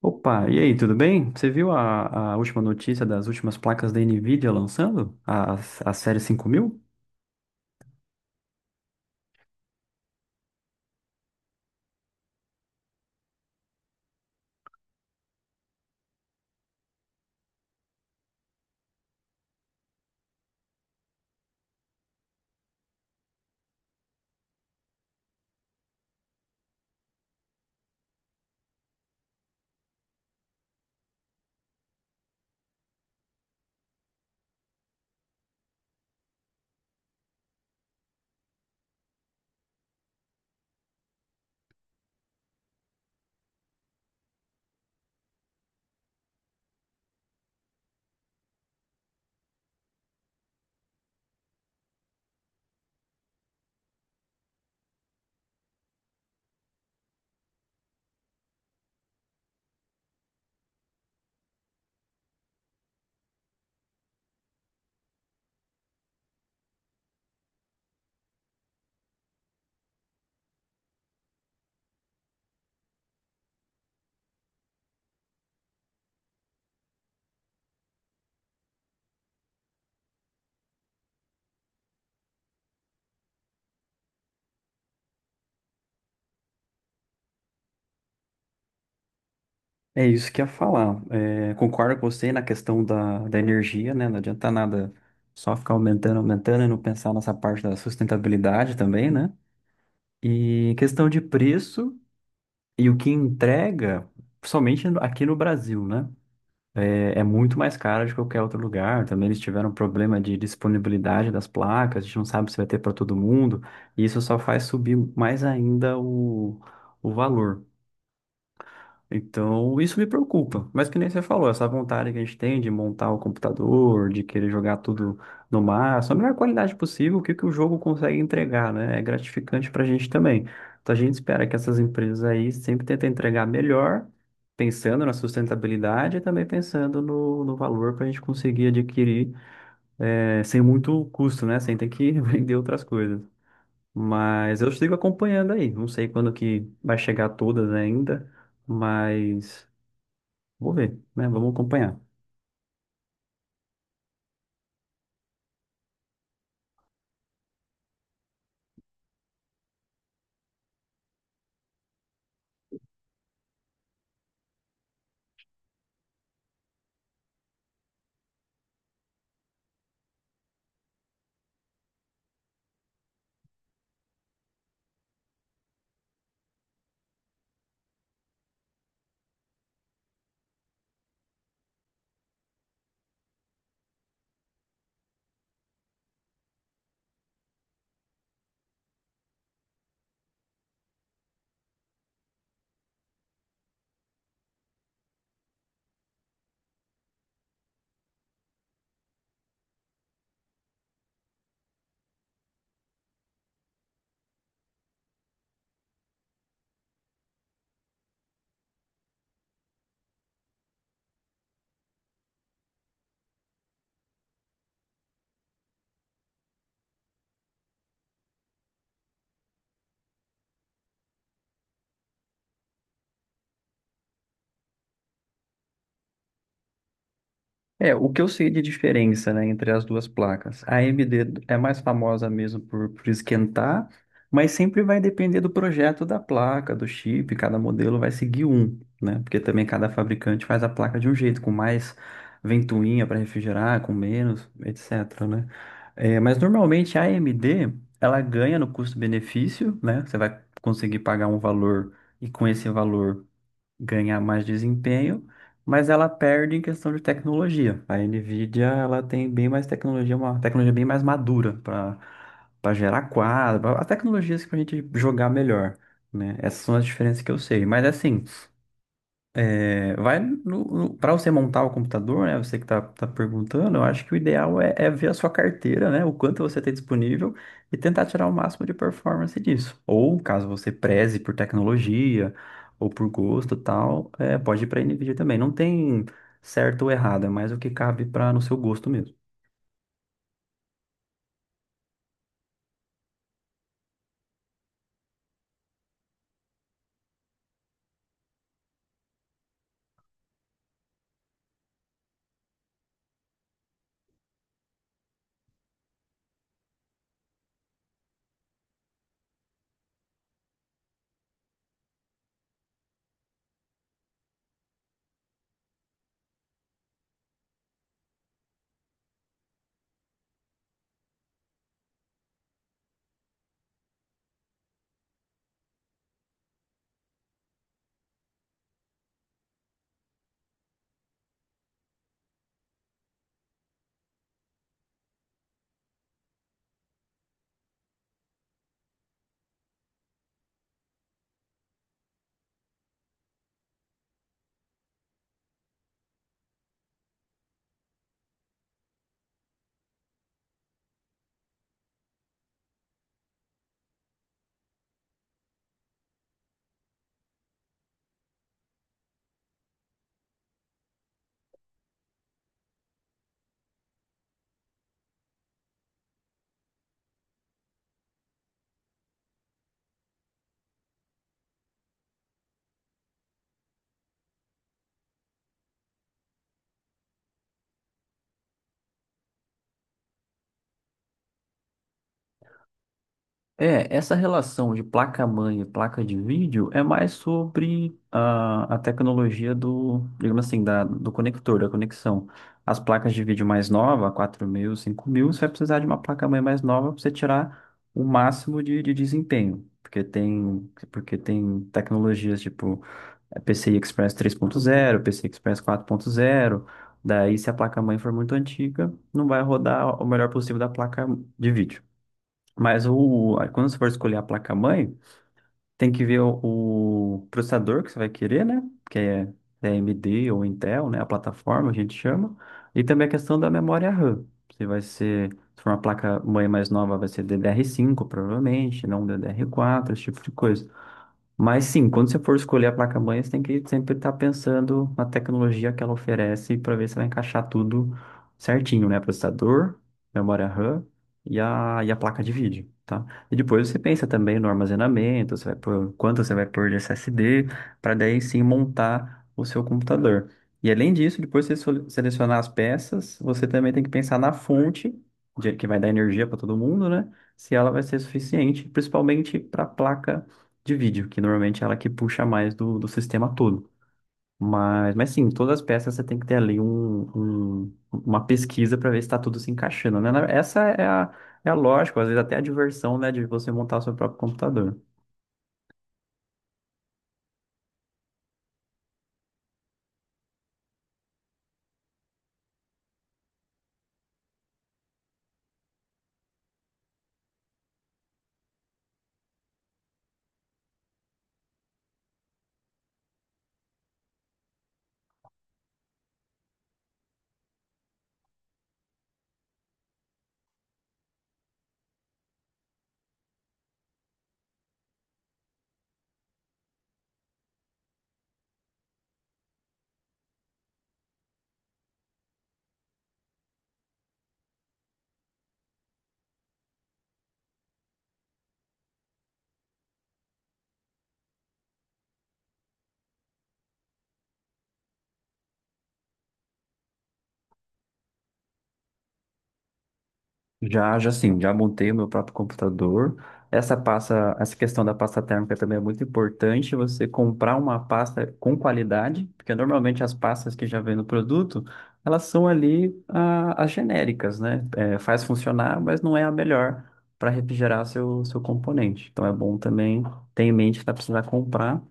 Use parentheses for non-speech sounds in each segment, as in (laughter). Opa, e aí, tudo bem? Você viu a última notícia das últimas placas da Nvidia lançando? A série 5000? É isso que eu ia falar. É, concordo com você na questão da energia, né? Não adianta nada só ficar aumentando, aumentando e não pensar nessa parte da sustentabilidade também, né? E questão de preço e o que entrega, somente aqui no Brasil, né? É muito mais caro de qualquer outro lugar. Também eles tiveram problema de disponibilidade das placas, a gente não sabe se vai ter para todo mundo, e isso só faz subir mais ainda o valor. Então, isso me preocupa. Mas que nem você falou, essa vontade que a gente tem de montar o computador, de querer jogar tudo no máximo, a melhor qualidade possível, o que que o jogo consegue entregar, né? É gratificante pra gente também. Então, a gente espera que essas empresas aí sempre tentem entregar melhor, pensando na sustentabilidade e também pensando no, no valor para a gente conseguir adquirir, sem muito custo, né? Sem ter que (laughs) vender outras coisas. Mas eu sigo acompanhando aí. Não sei quando que vai chegar todas ainda, mas vou ver, né? Vamos acompanhar. É, o que eu sei de diferença, né, entre as duas placas. A AMD é mais famosa mesmo por esquentar, mas sempre vai depender do projeto da placa, do chip, cada modelo vai seguir um, né? Porque também cada fabricante faz a placa de um jeito, com mais ventoinha para refrigerar, com menos, etc, né? É, mas normalmente a AMD, ela ganha no custo-benefício, né? Você vai conseguir pagar um valor e com esse valor ganhar mais desempenho, mas ela perde em questão de tecnologia. A Nvidia, ela tem bem mais tecnologia, uma tecnologia bem mais madura para gerar quadro, as tecnologias que a gente jogar melhor, né? Essas são as diferenças que eu sei. Mas assim, é, vai para você montar o computador, né? Você que está perguntando, eu acho que o ideal é ver a sua carteira, né? O quanto você tem disponível e tentar tirar o máximo de performance disso. Ou caso você preze por tecnologia ou por gosto e tal, é, pode ir para a NVIDIA também. Não tem certo ou errado, é mais o que cabe para no seu gosto mesmo. É, essa relação de placa-mãe e placa de vídeo é mais sobre a tecnologia do, digamos assim, da, do conector, da conexão. As placas de vídeo mais nova, 4000, 5000, você vai precisar de uma placa-mãe mais nova para você tirar o máximo de desempenho. Porque tem tecnologias tipo PCI Express 3.0, PCI Express 4.0. Daí, se a placa-mãe for muito antiga, não vai rodar o melhor possível da placa de vídeo. Mas o, aí quando você for escolher a placa-mãe, tem que ver o processador que você vai querer, né? Que é AMD ou Intel, né? A plataforma, a gente chama. E também a questão da memória RAM. Se vai ser, se for uma placa-mãe mais nova, vai ser DDR5, provavelmente, não DDR4, esse tipo de coisa. Mas sim, quando você for escolher a placa-mãe, você tem que sempre estar pensando na tecnologia que ela oferece para ver se vai encaixar tudo certinho, né? Processador, memória RAM e a placa de vídeo, tá? E depois você pensa também no armazenamento, você vai pôr, quanto você vai pôr de SSD, para daí sim montar o seu computador. E além disso, depois de você selecionar as peças, você também tem que pensar na fonte, que vai dar energia para todo mundo, né? Se ela vai ser suficiente, principalmente para a placa de vídeo, que normalmente é ela que puxa mais do sistema todo. Mas sim, todas as peças você tem que ter ali uma pesquisa para ver se está tudo se encaixando, né? Essa é a lógica, às vezes até a diversão, né, de você montar o seu próprio computador. Já, já sim, já montei o meu próprio computador. Essa pasta, essa questão da pasta térmica também é muito importante, você comprar uma pasta com qualidade, porque normalmente as pastas que já vem no produto, elas são ali as genéricas, né? É, faz funcionar, mas não é a melhor para refrigerar seu componente. Então é bom também ter em mente que tá precisando comprar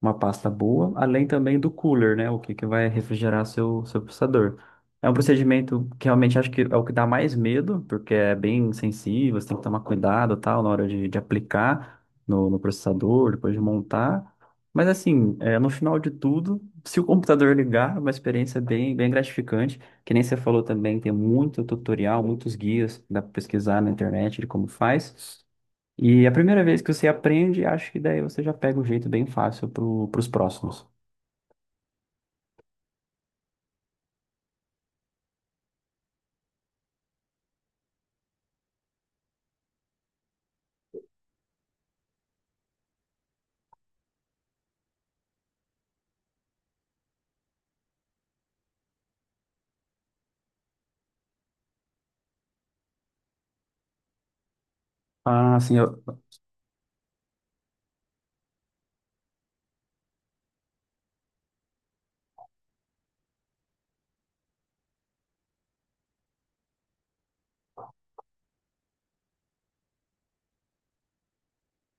uma pasta boa, além também do cooler, né? O que, que vai refrigerar seu processador. É um procedimento que realmente acho que é o que dá mais medo, porque é bem sensível, você tem que tomar cuidado, tal, na hora de aplicar no processador, depois de montar. Mas assim, é, no final de tudo, se o computador ligar, é uma experiência bem, bem gratificante. Que nem você falou também, tem muito tutorial, muitos guias, dá para pesquisar na internet de como faz. E a primeira vez que você aprende, acho que daí você já pega o jeito bem fácil pro, pros próximos. Ah, sim,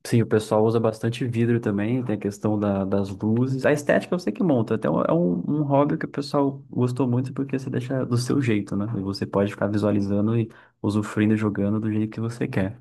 sim, o pessoal usa bastante vidro também, tem a questão das luzes. A estética você que monta, até é um hobby que o pessoal gostou muito porque você deixa do seu jeito, né? E você pode ficar visualizando e usufruindo e jogando do jeito que você quer.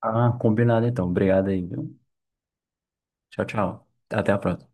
Ah, combinado então. Obrigado aí, viu? Tchau, tchau. Até a próxima.